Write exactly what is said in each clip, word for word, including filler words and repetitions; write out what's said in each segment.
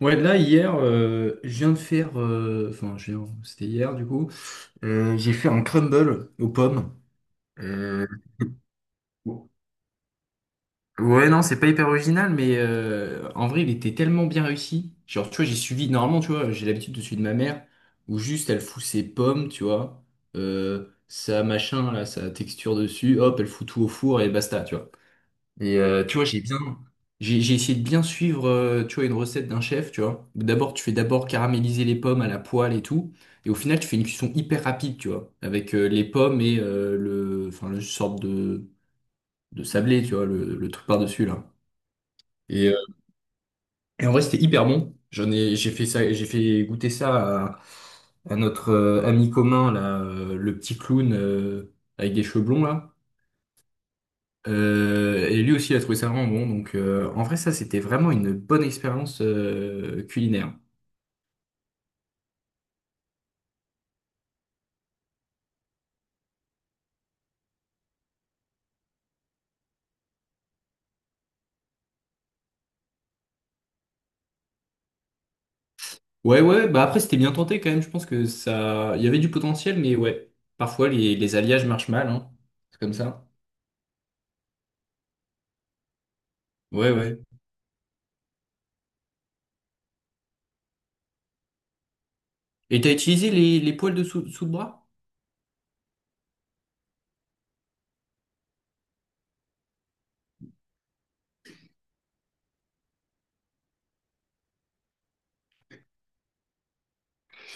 Ouais, là, hier, euh, je viens de faire. Euh, Enfin, je viens- c'était hier, du coup. Euh, j'ai fait un crumble aux pommes. Euh, Ouais, non, c'est pas hyper original, mais euh, en vrai, il était tellement bien réussi. Genre, tu vois, j'ai suivi. Normalement, tu vois, j'ai l'habitude de suivre ma mère, où juste elle fout ses pommes, tu vois, euh, sa machin, là, sa texture dessus, hop, elle fout tout au four et basta, tu vois. Et euh, tu vois, j'ai bien, j'ai j'ai essayé de bien suivre, euh, tu vois, une recette d'un chef, tu vois. D'abord, tu fais d'abord caraméliser les pommes à la poêle et tout, et au final, tu fais une cuisson hyper rapide, tu vois, avec euh, les pommes et euh, le, enfin, le sorte de, de sablé, tu vois, le, le truc par-dessus là. Et, euh, et en vrai, c'était hyper bon. J'en ai, j'ai fait ça, j'ai fait goûter ça à, à notre euh, ami commun là, euh, le petit clown euh, avec des cheveux blonds là. Euh, et lui aussi, il a trouvé ça vraiment bon. Donc, euh, en vrai, ça, c'était vraiment une bonne expérience euh, culinaire. Ouais, ouais. Bah après, c'était bien tenté quand même. Je pense que ça, il y avait du potentiel, mais ouais. Parfois, les, les alliages marchent mal. Hein. C'est comme ça. Ouais, ouais. Et t'as utilisé les, les poils de sous, sous le bras?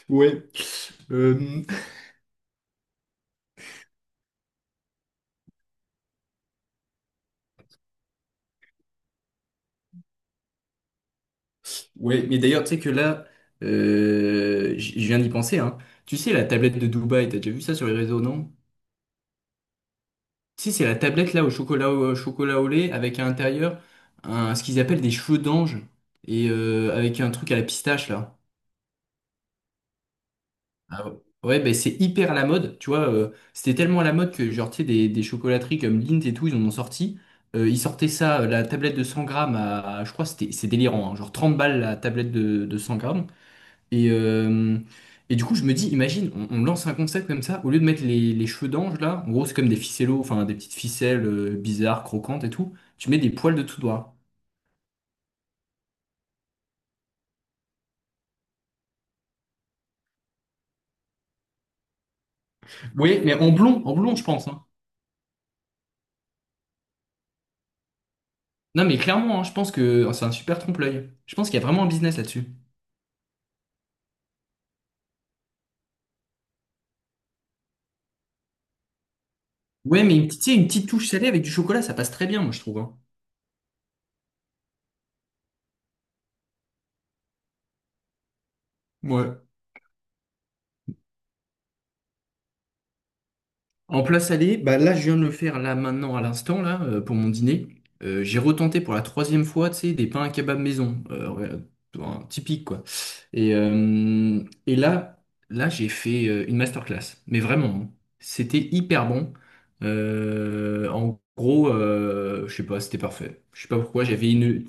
Ouais. Euh, Ouais. Mais d'ailleurs, tu sais que là, euh, j- je viens d'y penser. Hein. Tu sais, la tablette de Dubaï, t'as déjà vu ça sur les réseaux, non? Si, c'est la tablette là au chocolat au, au chocolat au lait avec à l'intérieur un, ce qu'ils appellent des cheveux d'ange et euh, avec un truc à la pistache là. Ah ouais, ouais, ben c'est hyper à la mode, tu vois. Euh, c'était tellement à la mode que genre, tu sais, des, des chocolateries comme Lindt et tout, ils en ont sorti. Euh, ils sortaient ça, euh, la tablette de cent grammes à, à- je crois, que c'était, c'est délirant, hein, genre trente balles la tablette de, de cent grammes. Et, euh, et du coup, je me dis, imagine, on, on lance un concept comme ça, au lieu de mettre les, les cheveux d'ange là, en gros, c'est comme des ficellos, enfin des petites ficelles euh, bizarres, croquantes et tout, tu mets des poils de tout doigt. Oui, mais en blond, en blond, je pense. Hein. Non, mais clairement, hein, je pense que oh, c'est un super trompe-l'œil. Je pense qu'il y a vraiment un business là-dessus. Ouais, mais une petite, tu sais, une petite touche salée avec du chocolat, ça passe très bien, moi, je trouve. Hein. Ouais. En place aller, bah là, je viens de le faire là maintenant à l'instant là euh, pour mon dîner. Euh, j'ai retenté pour la troisième fois, tu sais, des pains à kebab maison, euh, ouais, euh, un typique quoi. Et, euh, et là, là, j'ai fait euh, une masterclass. Mais vraiment, hein. C'était hyper bon. Euh, en gros, euh, je sais pas, c'était parfait. Je sais pas pourquoi. J'avais une,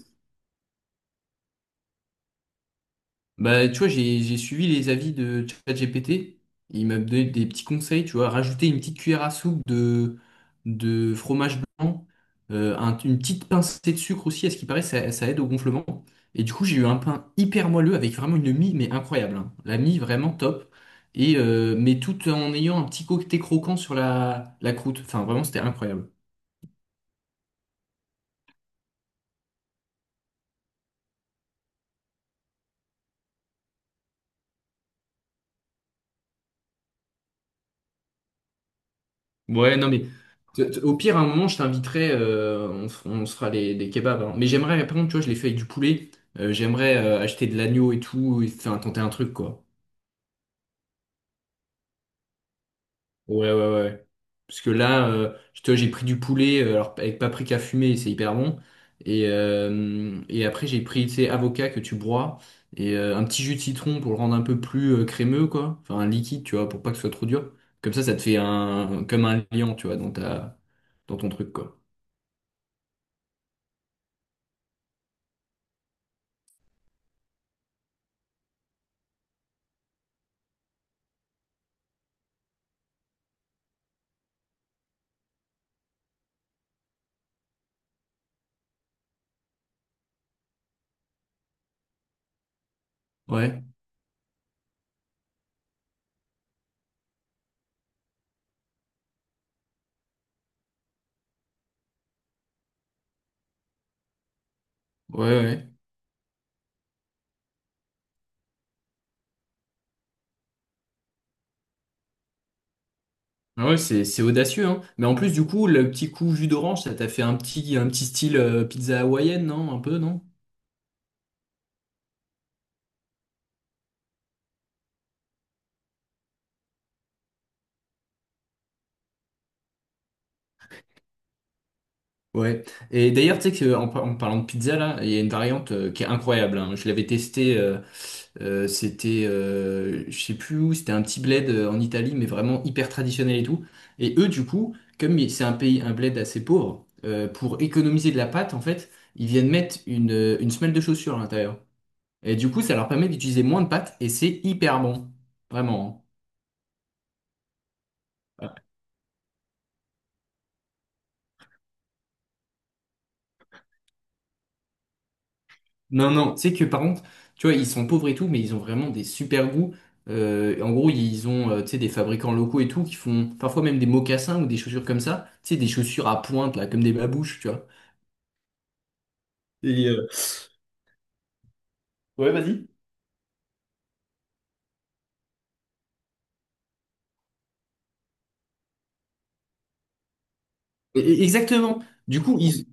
bah, tu vois, j'ai j'ai suivi les avis de ChatGPT. Il m'a donné des petits conseils, tu vois, rajouter une petite cuillère à soupe de, de fromage blanc, euh, un- une petite pincée de sucre aussi, à ce qui paraît, ça, ça aide au gonflement. Et du coup, j'ai eu un pain hyper moelleux avec vraiment une mie, mais incroyable. Hein. La mie, vraiment top. Et, euh, mais tout en ayant un petit côté croquant sur la, la croûte. Enfin, vraiment, c'était incroyable. Ouais, non, mais t- t- au pire, à un moment, je t'inviterai, euh, on, f- on se fera les, des kebabs. Hein. Mais j'aimerais, par contre, tu vois, je l'ai fait avec du poulet. euh, j'aimerais euh, acheter de l'agneau et tout, et faire tenter un truc, quoi. Ouais, ouais, ouais. Parce que là, euh, je te- j'ai pris du poulet, euh, alors avec paprika fumé, c'est hyper bon. Et, euh, et après, j'ai pris, tu sais, avocat que tu broies, et euh, un petit jus de citron pour le rendre un peu plus euh, crémeux, quoi. Enfin, un liquide, tu vois, pour pas que ce soit trop dur. Comme ça, ça te fait un, comme un liant, tu vois, dans ta, dans ton truc, quoi. Ouais. Ouais, ouais. Ah ouais, c'est c'est audacieux, hein. Mais en plus, du coup, le petit coup jus d'orange, ça t'a fait un petit, un petit style euh, pizza hawaïenne, non? Un peu, non? Ouais. Et d'ailleurs, tu sais que en, par- en parlant de pizza, là, il y a une variante euh, qui est incroyable. Hein. Je l'avais testée, euh, euh, c'était, euh, je sais plus où, c'était un petit bled euh, en Italie, mais vraiment hyper traditionnel et tout. Et eux, du coup, comme il- c'est un pays, un bled assez pauvre, euh, pour économiser de la pâte, en fait, ils viennent mettre une, euh, une semelle de chaussure à l'intérieur. Et du coup, ça leur permet d'utiliser moins de pâtes et c'est hyper bon. Vraiment. Hein. Voilà. Non, non, tu sais que par contre, tu vois, ils sont pauvres et tout, mais ils ont vraiment des super goûts. Euh, en gros, ils ont, euh, tu sais, des fabricants locaux et tout qui font parfois même des mocassins ou des chaussures comme ça. Tu sais, des chaussures à pointe, là, comme des babouches, tu vois. Et, euh, ouais, vas-y. et- et- Exactement. Du coup, ils.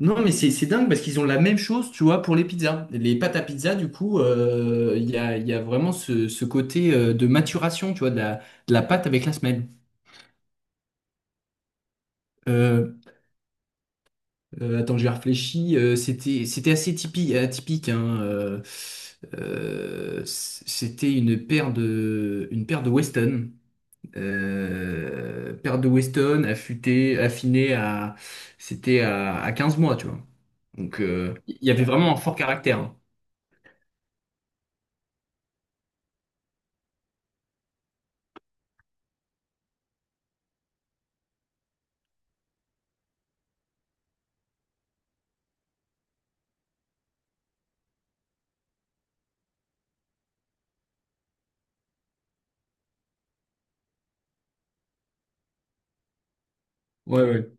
Non, mais c'est c'est dingue parce qu'ils ont la même chose, tu vois, pour les pizzas. Les pâtes à pizza, du coup, euh, il y a, il y a vraiment ce, ce côté euh, de maturation, tu vois, de la, de la pâte avec la semelle. Euh, euh, Attends, j'ai réfléchi. euh, c'était, c'était, assez typique, atypique, hein, euh, euh, c- c'était une paire de, une paire de Weston. Euh, paire de Weston affûtée, affinée à, c'était à, à quinze mois, tu vois. Donc, euh, il y avait vraiment un fort caractère. Hein. Ouais, ouais.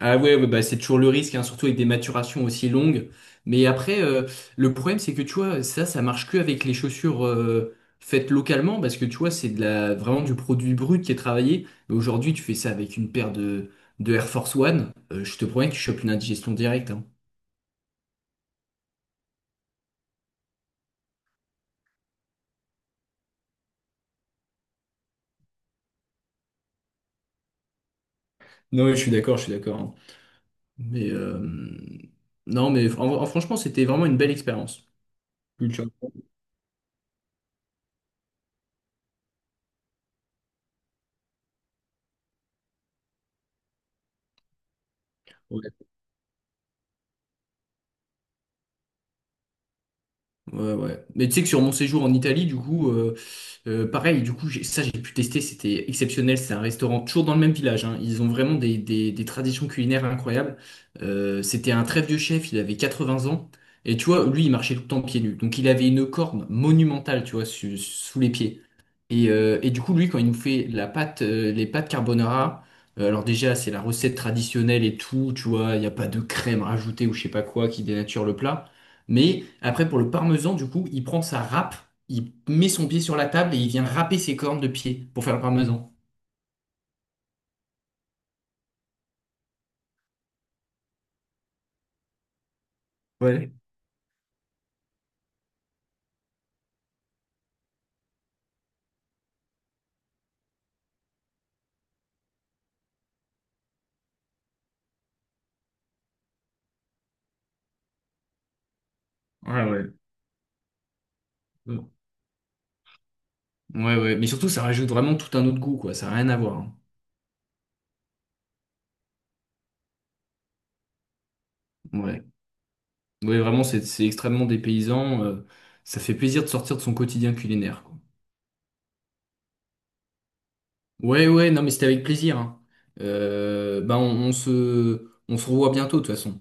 Ah ouais, ouais, bah c'est toujours le risque, hein, surtout avec des maturations aussi longues. Mais après, euh, le problème, c'est que tu vois, ça, ça marche que avec les chaussures euh, faites localement, parce que tu vois, c'est de la, vraiment du produit brut qui est travaillé. Mais aujourd'hui, tu fais ça avec une paire de, de Air Force One, euh, je te promets que tu chopes une indigestion directe. Hein. Non, ouais, je suis d'accord, je suis d'accord. Hein. Mais euh, non, mais en- en- franchement, c'était vraiment une belle expérience. Culture. Ouais. Ouais, ouais. Mais tu sais que sur mon séjour en Italie, du coup, euh, euh, pareil, du coup, j'ai- ça j'ai pu tester, c'était exceptionnel. C'est un restaurant toujours dans le même village, hein. Ils ont vraiment des, des- des traditions culinaires incroyables. Euh, c'était un très vieux chef, il avait quatre-vingts ans. Et tu vois, lui, il marchait tout le temps pieds nus. Donc il avait une corne monumentale, tu vois, su- sous les pieds. Et, euh, et du coup, lui, quand il nous fait la pâte, euh, les pâtes carbonara, euh, alors déjà, c'est la recette traditionnelle et tout, tu vois, il n'y a pas de crème rajoutée ou je sais pas quoi qui dénature le plat. Mais après, pour le parmesan, du coup, il prend sa râpe, il met son pied sur la table et il vient râper ses cornes de pied pour faire le parmesan. Ouais, ouais, ouais. Ouais, ouais, mais surtout, ça rajoute vraiment tout un autre goût, quoi, ça n'a rien à voir. Hein. Ouais, ouais, vraiment, c'est c'est extrêmement dépaysant, euh, ça fait plaisir de sortir de son quotidien culinaire, quoi. Ouais, ouais, non, mais c'était avec plaisir. Hein. Euh, bah, on, on se, on se revoit bientôt, de toute façon.